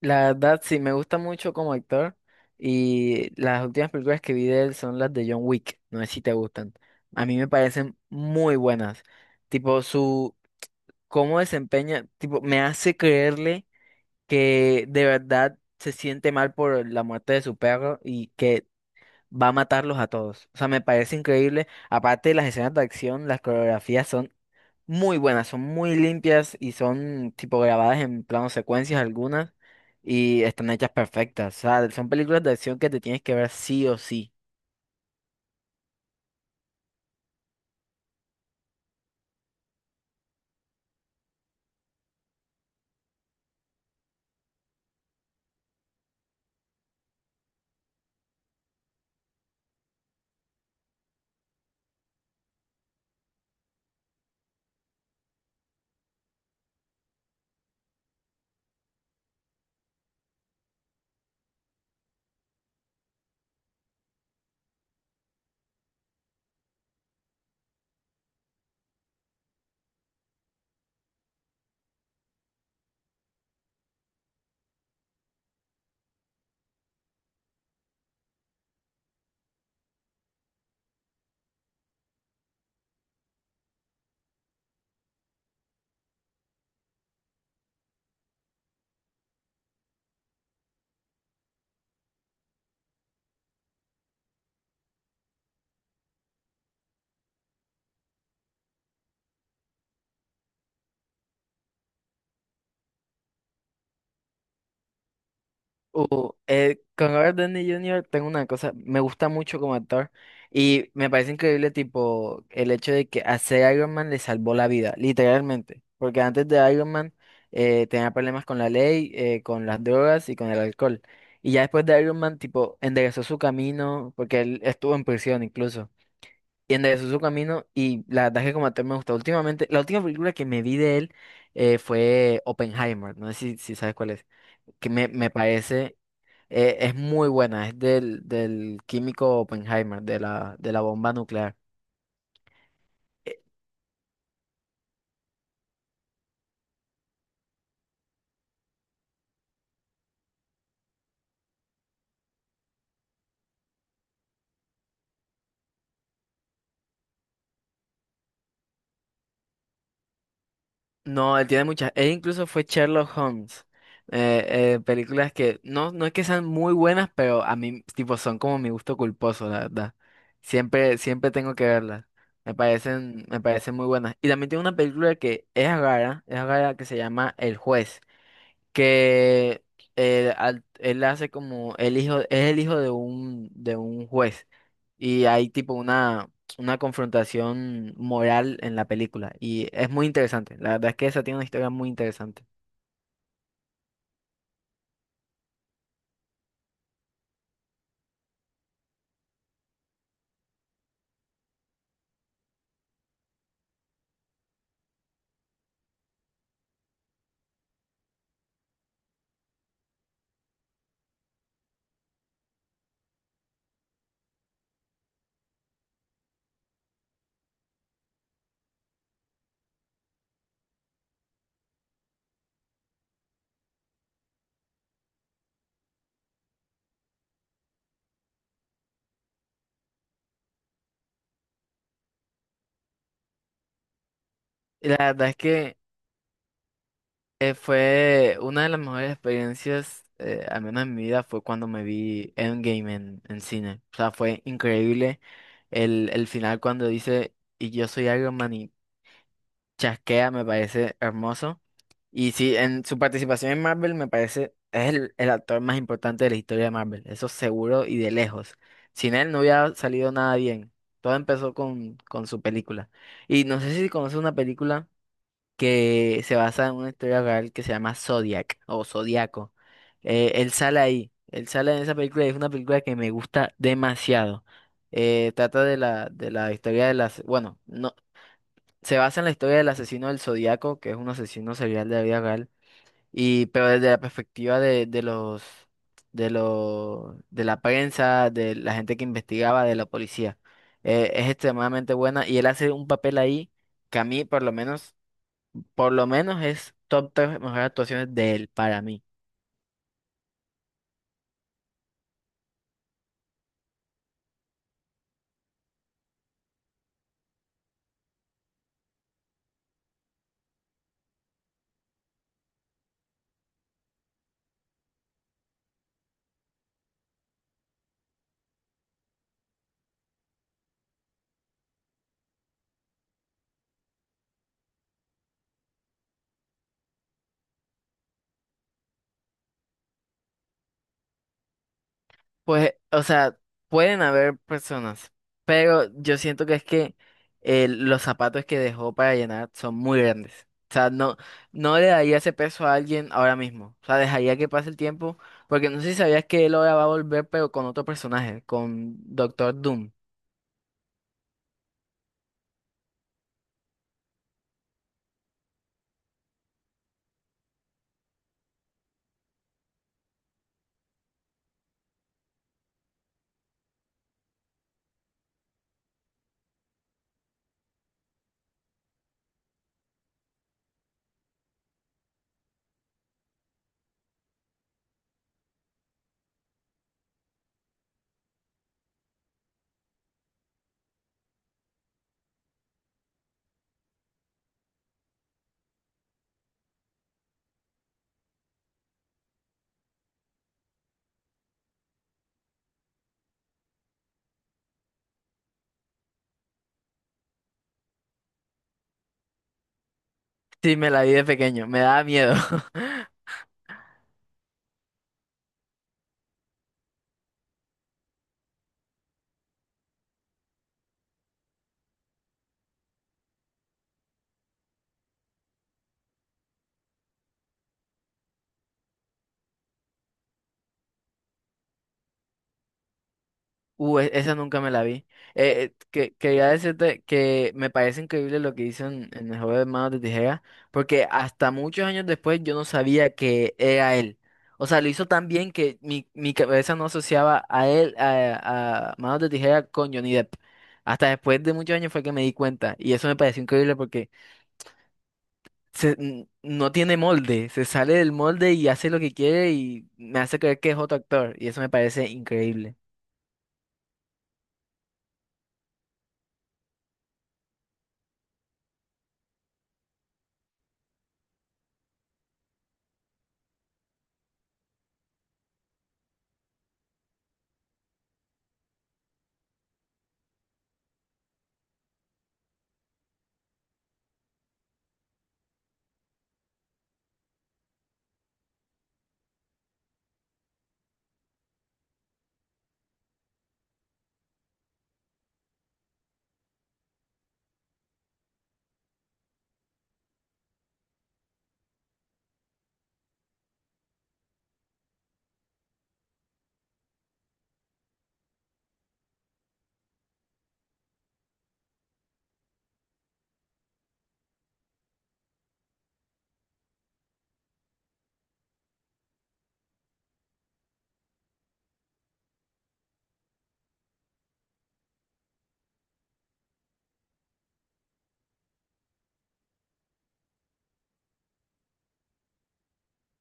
La verdad, sí, me gusta mucho como actor y las últimas películas que vi de él son las de John Wick, no sé si te gustan. A mí me parecen muy buenas. Tipo, su cómo desempeña, tipo, me hace creerle que de verdad se siente mal por la muerte de su perro y que va a matarlos a todos. O sea, me parece increíble. Aparte, las escenas de acción, las coreografías son muy buenas, son muy limpias y son tipo grabadas en plano secuencias algunas y están hechas perfectas. O sea, son películas de acción que te tienes que ver sí o sí. Con Robert Downey Jr. tengo una cosa, me gusta mucho como actor y me parece increíble tipo el hecho de que hacer Iron Man le salvó la vida, literalmente, porque antes de Iron Man tenía problemas con la ley, con las drogas y con el alcohol. Y ya después de Iron Man, tipo, enderezó su camino, porque él estuvo en prisión incluso. Y enderezó su camino y la verdad es que como actor me gustó. Últimamente, la última película que me vi de él fue Oppenheimer, no sé si sabes cuál es, que me parece, es muy buena, es del químico Oppenheimer, de de la bomba nuclear. No, él tiene muchas. Él incluso fue Sherlock Holmes. Películas que no, no es que sean muy buenas, pero a mí, tipo, son como mi gusto culposo, la verdad. Siempre, siempre tengo que verlas. Me parecen muy buenas. Y también tiene una película que es rara, que se llama El Juez, que él hace como el hijo, es el hijo de un juez y hay tipo una confrontación moral en la película y es muy interesante. La verdad es que esa tiene una historia muy interesante. Y la verdad es que fue una de las mejores experiencias, al menos en mi vida, fue cuando me vi Endgame en cine. O sea, fue increíble el final cuando dice, y yo soy Iron Man. Chasquea me parece hermoso. Y sí, en su participación en Marvel me parece es el actor más importante de la historia de Marvel, eso seguro y de lejos. Sin él no hubiera salido nada bien. Todo empezó con su película. Y no sé si conoces una película que se basa en una historia real que se llama Zodiac o Zodiaco. Él sale ahí, él sale en esa película y es una película que me gusta demasiado. Trata de la historia de las, bueno, no, se basa en la historia del asesino del Zodíaco, que es un asesino serial de la vida real, y, pero desde la perspectiva de los, de los, de la prensa, de la gente que investigaba, de la policía. Es extremadamente buena y él hace un papel ahí que a mí, por lo menos es top tres mejores actuaciones de él para mí. Pues, o sea, pueden haber personas, pero yo siento que es que los zapatos que dejó para llenar son muy grandes. O sea, no, no le daría ese peso a alguien ahora mismo. O sea, dejaría que pase el tiempo, porque no sé si sabías que él ahora va a volver, pero con otro personaje, con Doctor Doom. Sí, me la vi de pequeño, me daba miedo. Esa nunca me la vi. Quería decirte que me parece increíble lo que hizo en el juego de Manos de Tijera, porque hasta muchos años después yo no sabía que era él. O sea, lo hizo tan bien que mi cabeza no asociaba a él, a Manos de Tijera con Johnny Depp. Hasta después de muchos años fue que me di cuenta. Y eso me pareció increíble porque no tiene molde, se sale del molde y hace lo que quiere y me hace creer que es otro actor. Y eso me parece increíble.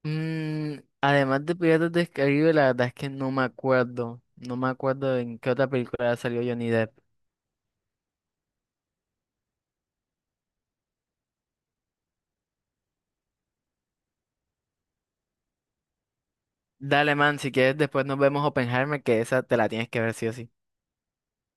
Mm, además de Piratas del Caribe, la verdad es que no me acuerdo. No me acuerdo en qué otra película salió Johnny Depp. Dale, man, si quieres después nos vemos Oppenheimer, que esa te la tienes que ver sí o sí.